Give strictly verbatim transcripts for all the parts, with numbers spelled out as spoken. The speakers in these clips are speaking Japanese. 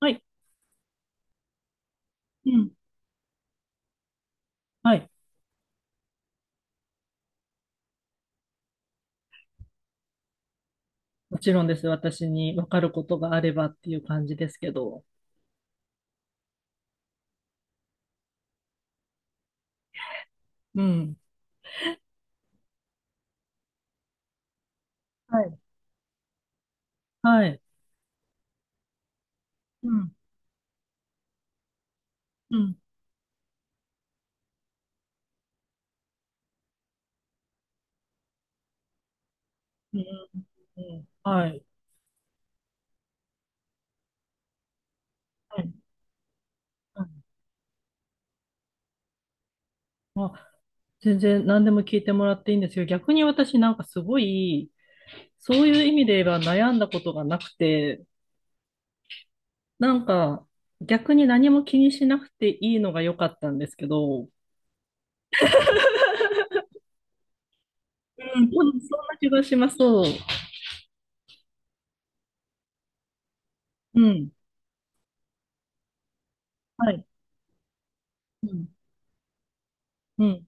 はい。うん。はい。もちろんです。私に分かることがあればっていう感じですけど。うん。はい。はい。うん。うん。うん。うん、はい。はい。うん、あ、全然何でも聞いてもらっていいんですよ。逆に私なんかすごい、そういう意味で言えば悩んだことがなくて、なんか逆に何も気にしなくていいのが良かったんですけど、うん、多分そんな気がします。うん。はい。うん。うん。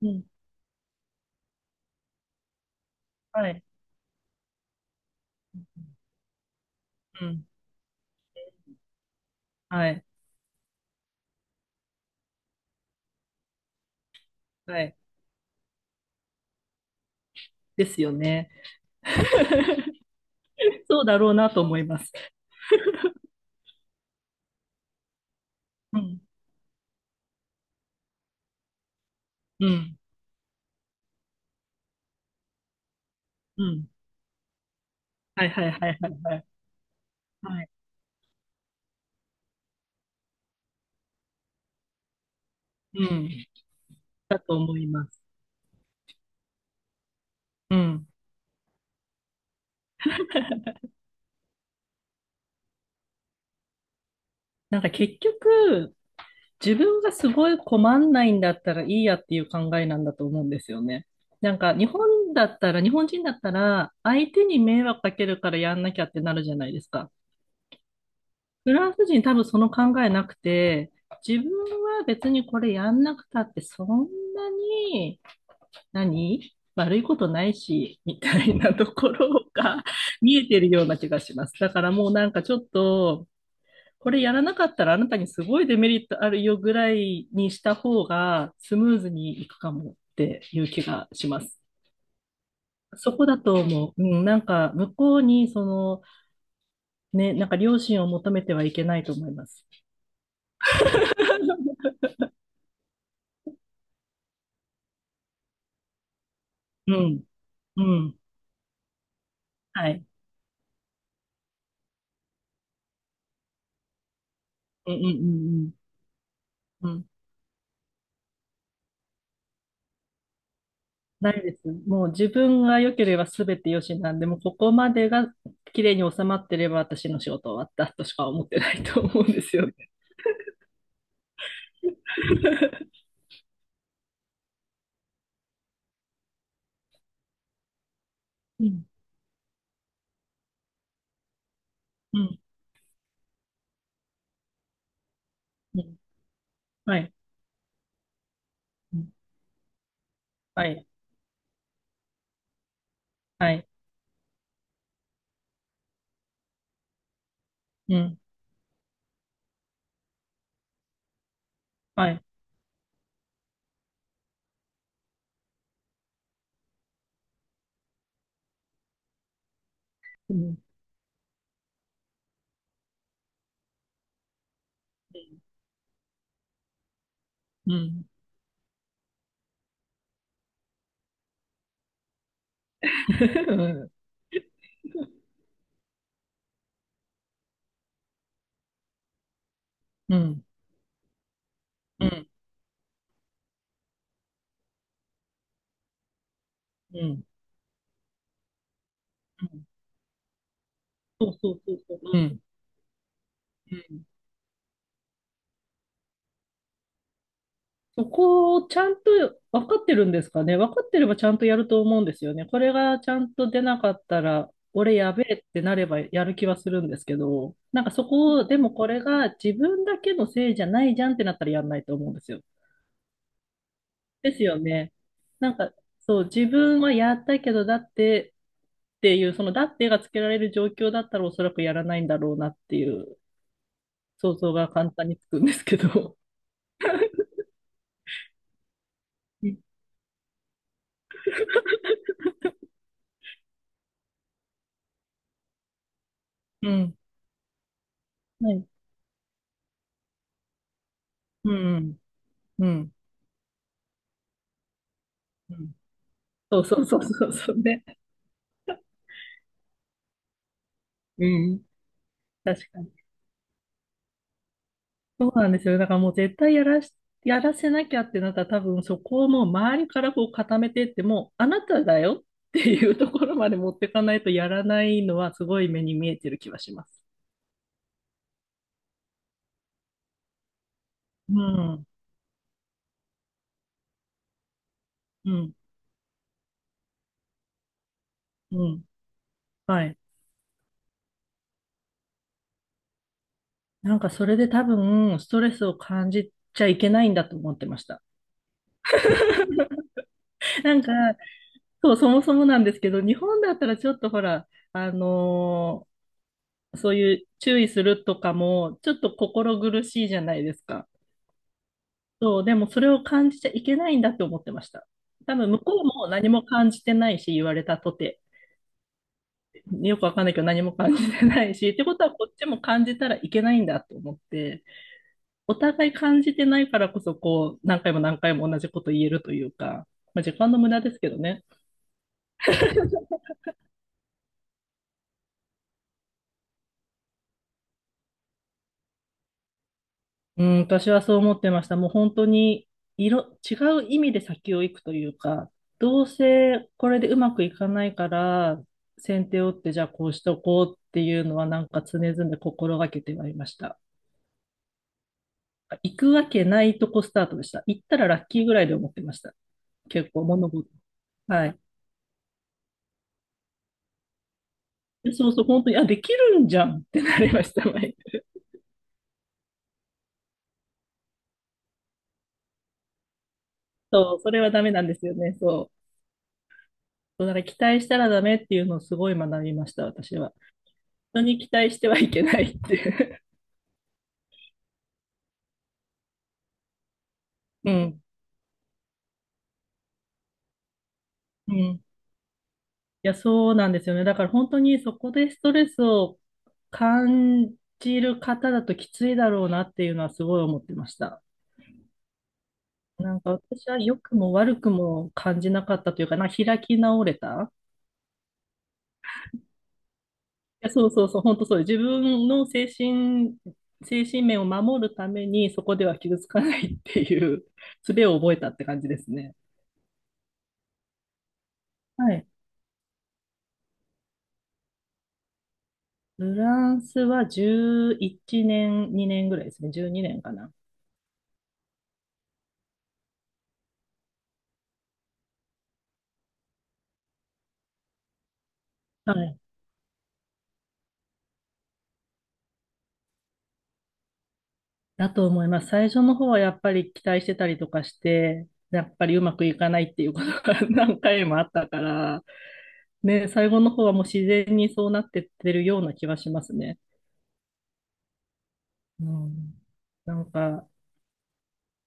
うん。はい。うん。はい。はい。ですよね。そうだろうなと思います。うん、うん、うん。はいはいはいはいはい。はい。うん。だと思います。うん。なんか結局、自分がすごい困んないんだったらいいやっていう考えなんだと思うんですよね。なんか日本だったら、日本人だったら、相手に迷惑かけるからやんなきゃってなるじゃないですか。フランス人多分その考えなくて、自分は別にこれやんなくたってそんなに何悪いことないし、みたいなところが 見えてるような気がします。だからもうなんかちょっと、これやらなかったらあなたにすごいデメリットあるよぐらいにした方がスムーズにいくかもっていう気がします。そこだと思う。うん、なんか向こうにその、ね、なんか良心を求めてはいけないと思います。うん、うん、はい。うん、うん、うん、うん。うん、ないです。もう自分が良ければ全て良しなんで、もうここまでが綺麗に収まってれば私の仕事終わったとしか思ってないと思うんですよね。うん、うん、うん。はい。うん、はい。はい。うん。はい。うん。うん。うん。うん。うん。うん。うん、そうそうそうそう。うん。うん、そこをちゃんと分かってるんですかね。分かってればちゃんとやると思うんですよね。これがちゃんと出なかったら、俺やべえってなればやる気はするんですけど、なんかそこを、でもこれが自分だけのせいじゃないじゃんってなったらやんないと思うんですよ。ですよね。なんか、そう、自分はやったけど、だってっていう、そのだってがつけられる状況だったらおそらくやらないんだろうなっていう想像が簡単につくんですけど。うん。うん。はい。うん。うん。うん、そうそうそうそうそうね。うん。確かに。そうなんですよ。だからもう絶対やらし、やらせなきゃってなったら多分そこをもう周りからこう固めてってもうあなただよっていうところまで持ってかないとやらないのはすごい目に見えてる気はします。うん。うん。うん。はい。なんかそれで多分ストレスを感じちゃいけないんだと思ってました。なんか、そう、そもそもなんですけど、日本だったらちょっとほら、あのーそういう注意するとかも、ちょっと心苦しいじゃないですか。そう、でもそれを感じちゃいけないんだって思ってました。多分向こうも何も感じてないし、言われたとて。よくわかんないけど何も感じてないし、ってことはこっちも感じたらいけないんだと思って、お互い感じてないからこそ、こう、何回も何回も同じこと言えるというか、まあ、時間の無駄ですけどね。うん、私はそう思ってました。もう本当に色、違う意味で先を行くというか、どうせこれでうまくいかないから、先手を打ってじゃあこうしとこうっていうのはなんか常々心がけてはいました。行くわけないとこスタートでした。行ったらラッキーぐらいで思ってました。結構物事。はい。で、そうそう、本当に、あ、できるんじゃんってなりました。毎回そう、それはダメなんですよね。そう。そうだから期待したらダメっていうのをすごい学びました、私は。人に期待してはいけないって。うん。うん。いや、そうなんですよね。だから本当にそこでストレスを感じる方だときついだろうなっていうのはすごい思ってました。なんか私は良くも悪くも感じなかったというかな、開き直れた。いや、そうそうそう、本当そう。自分の精神、精神面を守るためにそこでは傷つかないっていう 術を覚えたって感じですね。はい。フランスはじゅういちねん、にねんぐらいですね。じゅうにねんかな。はい、だと思います。最初の方はやっぱり期待してたりとかして、やっぱりうまくいかないっていうことが 何回もあったから、ね、最後の方はもう自然にそうなってってるような気はしますね。うん、なんか、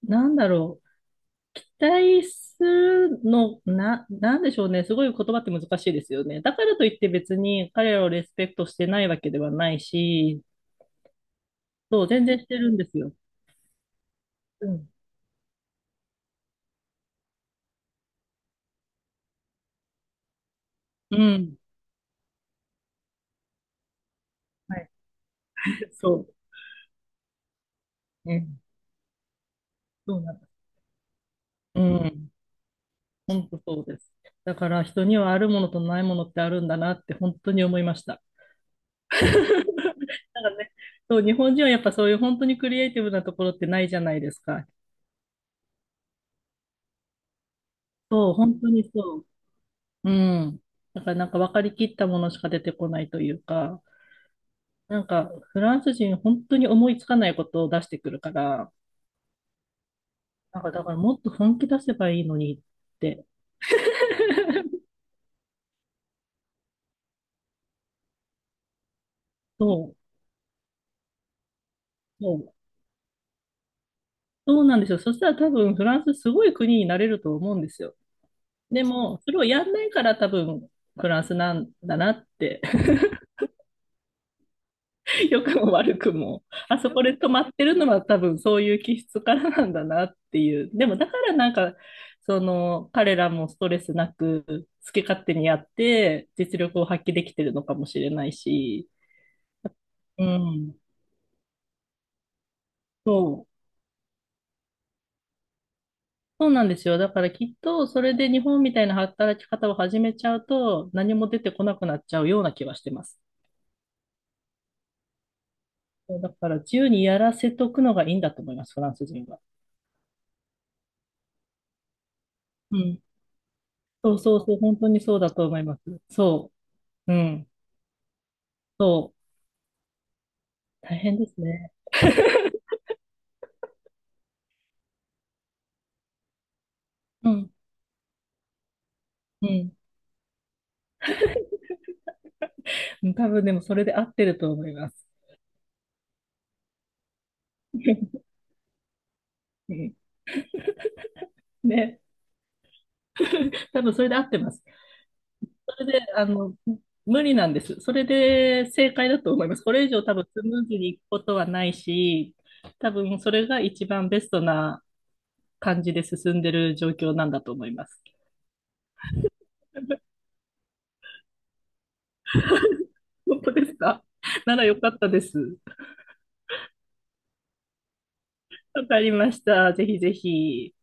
なんだろう。期待するの、な、なんでしょうね。すごい言葉って難しいですよね。だからといって別に彼らをレスペクトしてないわけではないし、そう、全然してるんですよ。うん。うん。はい。そう。ね。そうなんだ。うん。本当そうです。だから人にはあるものとないものってあるんだなって本当に思いました。なんかね、そう、日本人はやっぱそういう本当にクリエイティブなところってないじゃないですか。そう、本当にそう。うん。だからなんか分かりきったものしか出てこないというか、なんかフランス人本当に思いつかないことを出してくるから、なんかだからもっと本気出せばいいのにって。そう、そう、そうなんですよ。そしたら多分フランスすごい国になれると思うんですよ。でも、それをやんないから多分、フランスなんだなって、良くも悪くも、あそこで止まってるのは多分そういう気質からなんだなっていう。でも、だからなんか、その、彼らもストレスなく、好き勝手にやって、実力を発揮できてるのかもしれないし、うん、そう。そうなんですよ。だからきっと、それで日本みたいな働き方を始めちゃうと、何も出てこなくなっちゃうような気はしてます。そうだから自由にやらせとくのがいいんだと思います、フランス人は。うん。そうそうそう、本当にそうだと思います。そう。うん。そう。大変ですね。うん。うん。うん、多分でもそれで合ってると思います。うん、ね。多分それで合ってます。それで、あの、無理なんです。それで正解だと思います。これ以上多分スムーズにいくことはないし、多分それが一番ベストな感じで進んでる状況なんだと思います。本当ですか ならよかったです。わかりました。ぜひぜひ。